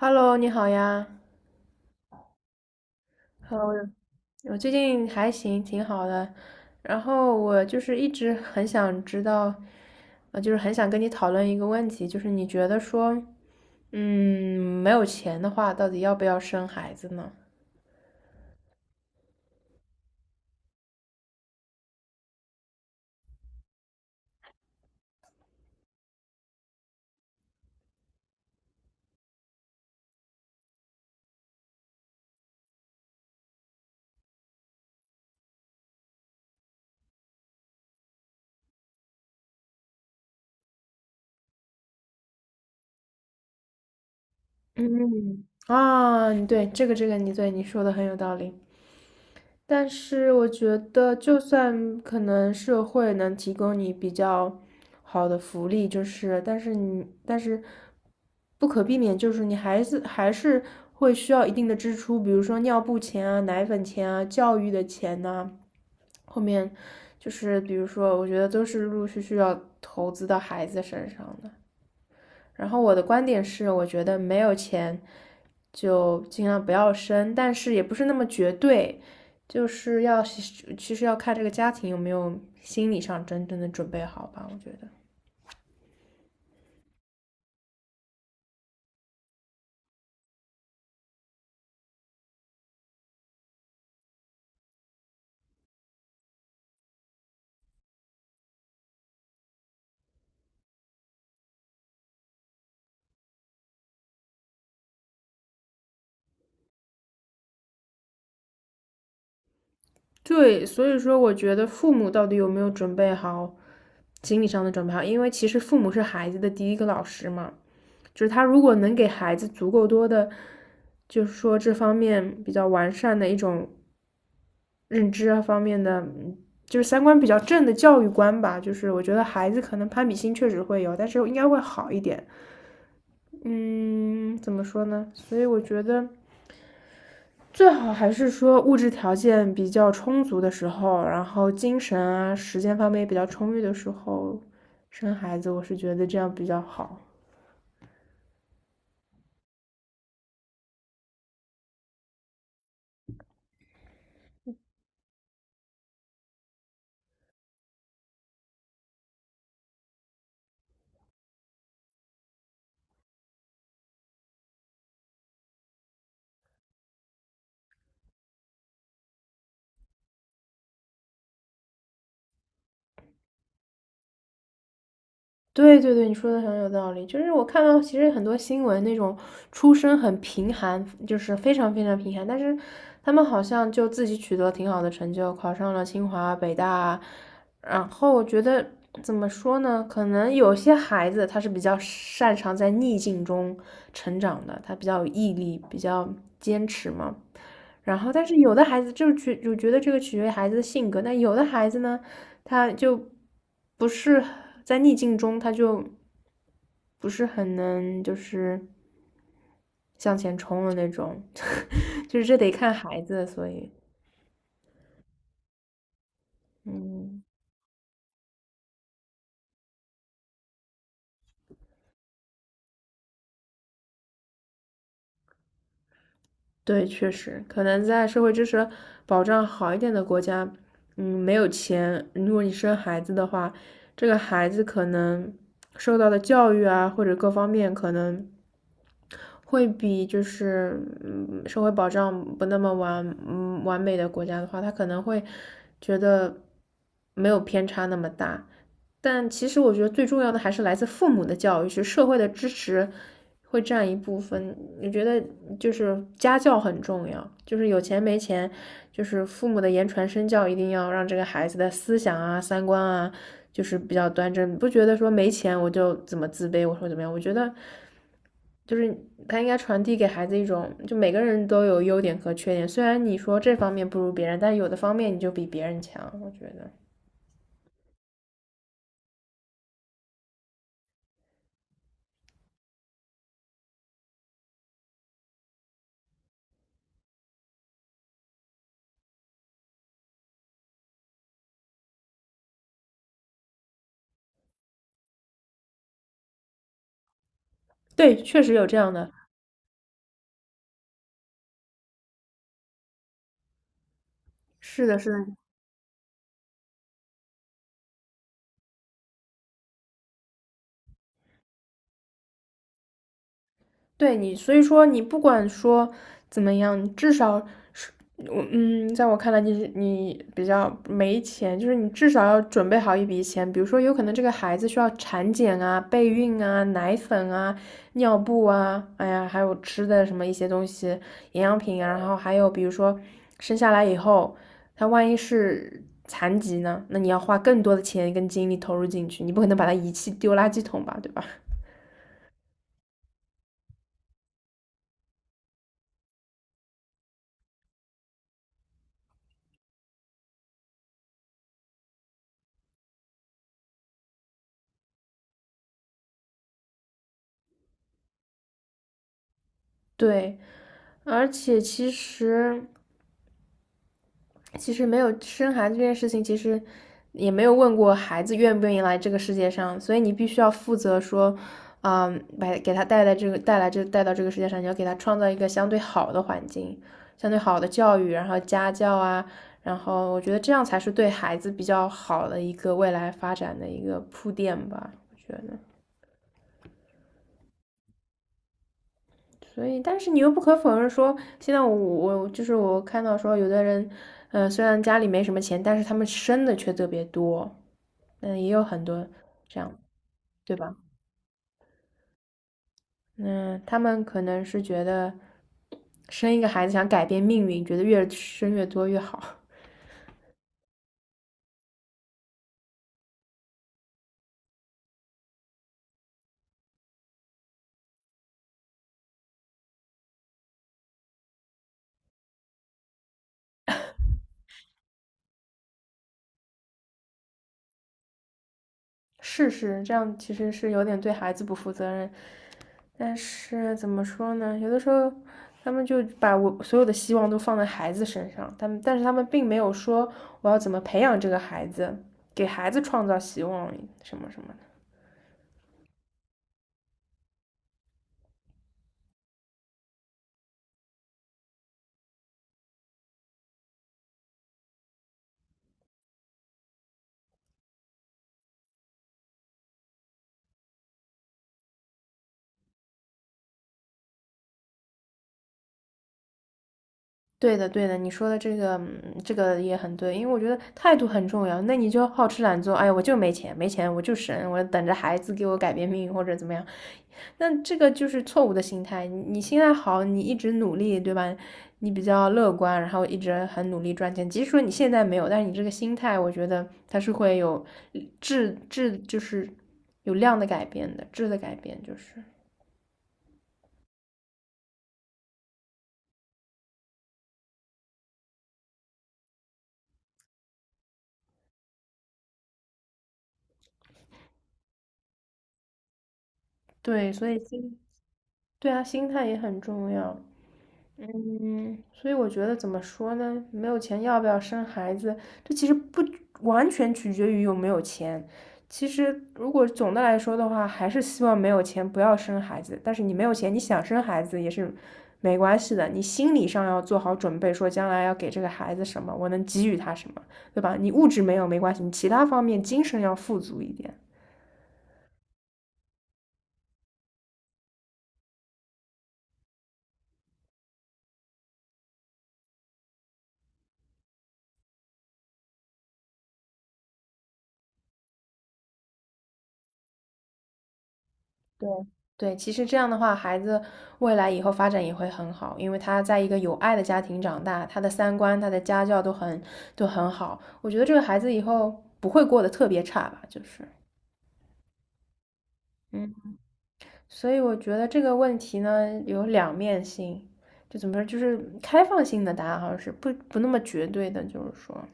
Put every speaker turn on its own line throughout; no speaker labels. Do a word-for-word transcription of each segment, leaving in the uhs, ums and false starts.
Hello，你好呀。Hello，我最近还行，挺好的。然后我就是一直很想知道，呃，就是很想跟你讨论一个问题，就是你觉得说，嗯，没有钱的话，到底要不要生孩子呢？嗯，啊，对，这个这个，你对你说的很有道理。但是我觉得，就算可能社会能提供你比较好的福利，就是但是你但是不可避免，就是你还是还是会需要一定的支出，比如说尿布钱啊、奶粉钱啊、教育的钱呐、后面就是比如说，我觉得都是陆陆续续要投资到孩子身上的。然后我的观点是，我觉得没有钱就尽量不要生，但是也不是那么绝对，就是要其实要看这个家庭有没有心理上真正的准备好吧。我觉得对，所以说我觉得父母到底有没有准备好心理上的准备好，因为其实父母是孩子的第一个老师嘛，就是他如果能给孩子足够多的，就是说这方面比较完善的一种认知啊方面的，嗯就是三观比较正的教育观吧。就是我觉得孩子可能攀比心确实会有，但是应该会好一点。嗯，怎么说呢？所以我觉得最好还是说物质条件比较充足的时候，然后精神啊、时间方面也比较充裕的时候生孩子，我是觉得这样比较好。对对对，你说的很有道理。就是我看到其实很多新闻那种出身很贫寒，就是非常非常贫寒，但是他们好像就自己取得了挺好的成就，考上了清华、北大。然后我觉得怎么说呢？可能有些孩子他是比较擅长在逆境中成长的，他比较有毅力，比较坚持嘛。然后，但是有的孩子就觉就觉得这个取决于孩子的性格，但有的孩子呢，他就不是在逆境中，他就不是很能就是向前冲的那种，就是这得看孩子，所以嗯。对，确实，可能在社会支持保障好一点的国家，嗯，没有钱，如果你生孩子的话，这个孩子可能受到的教育啊，或者各方面可能会比就是嗯社会保障不那么完嗯完美的国家的话，他可能会觉得没有偏差那么大。但其实我觉得最重要的还是来自父母的教育，是社会的支持会占一部分。我觉得就是家教很重要，就是有钱没钱，就是父母的言传身教，一定要让这个孩子的思想啊、三观啊，就是比较端正。不觉得说没钱我就怎么自卑，我说怎么样？我觉得就是他应该传递给孩子一种，就每个人都有优点和缺点。虽然你说这方面不如别人，但有的方面你就比别人强。我觉得对，确实有这样的。是的，是的，对你，所以说你不管说怎么样，至少是，我嗯，在我看来你，你你比较没钱，就是你至少要准备好一笔钱，比如说有可能这个孩子需要产检啊、备孕啊、奶粉啊、尿布啊，哎呀，还有吃的什么一些东西，营养品啊，然后还有比如说生下来以后，他万一是残疾呢，那你要花更多的钱跟精力投入进去，你不可能把他遗弃丢垃圾桶吧，对吧？对，而且其实其实没有生孩子这件事情，其实也没有问过孩子愿不愿意来这个世界上，所以你必须要负责说，嗯，把给他带来这个带来这带到这个世界上，你要给他创造一个相对好的环境，相对好的教育，然后家教啊，然后我觉得这样才是对孩子比较好的一个未来发展的一个铺垫吧，我觉得。所以，但是你又不可否认说，现在我我就是我看到说，有的人，呃，虽然家里没什么钱，但是他们生的却特别多，嗯，也有很多这样，对吧？嗯，他们可能是觉得生一个孩子想改变命运，觉得越生越多越好。是是，这样其实是有点对孩子不负责任。但是怎么说呢？有的时候他们就把我所有的希望都放在孩子身上，他们但是他们并没有说我要怎么培养这个孩子，给孩子创造希望什么什么的。对的，对的，你说的这个，嗯这个也很对，因为我觉得态度很重要。那你就好吃懒做，哎呀，我就没钱，没钱我就省，我等着孩子给我改变命运或者怎么样，那这个就是错误的心态。你你心态好，你一直努力，对吧？你比较乐观，然后一直很努力赚钱。即使说你现在没有，但是你这个心态，我觉得它是会有质质，就是有量的改变的，质的改变就是对，所以心，对啊，心态也很重要。嗯，所以我觉得怎么说呢？没有钱要不要生孩子，这其实不完全取决于有没有钱。其实如果总的来说的话，还是希望没有钱不要生孩子。但是你没有钱，你想生孩子也是没关系的。你心理上要做好准备，说将来要给这个孩子什么，我能给予他什么，对吧？你物质没有没关系，你其他方面精神要富足一点。对对，其实这样的话，孩子未来以后发展也会很好，因为他在一个有爱的家庭长大，他的三观、他的家教都很都很好。我觉得这个孩子以后不会过得特别差吧，就是嗯，所以我觉得这个问题呢有两面性，就怎么说，就是开放性的答案好像是不不那么绝对的，就是说，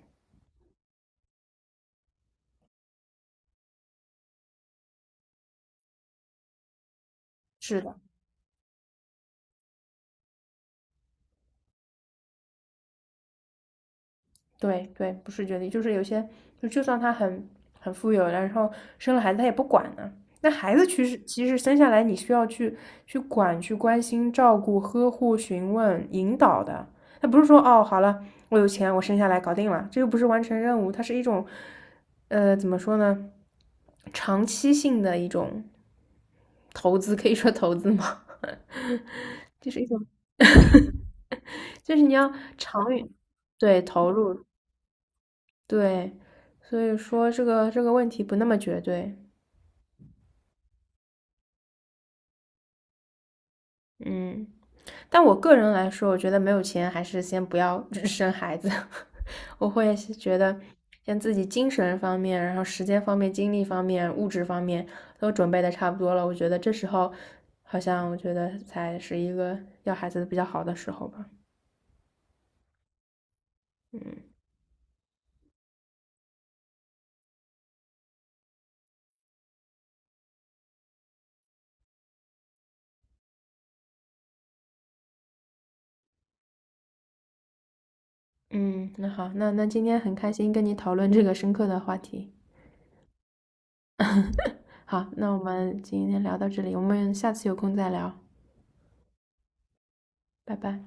是的。对对，不是绝育，就是有些就就算他很很富有，然后生了孩子他也不管呢。那孩子其实其实生下来你需要去去管、去关心、照顾、呵护、询问、引导的。他不是说哦，好了，我有钱，我生下来搞定了，这又不是完成任务，它是一种呃怎么说呢，长期性的一种投资，可以说投资吗？就是一种，就是你要长远对投入，对，所以说这个这个问题不那么绝对，嗯，但我个人来说，我觉得没有钱还是先不要 生孩子，我会是觉得像自己精神方面，然后时间方面、精力方面、物质方面都准备的差不多了，我觉得这时候好像我觉得才是一个要孩子比较好的时候吧，嗯嗯，那好，那那今天很开心跟你讨论这个深刻的话题，好，那我们今天聊到这里，我们下次有空再聊。拜拜。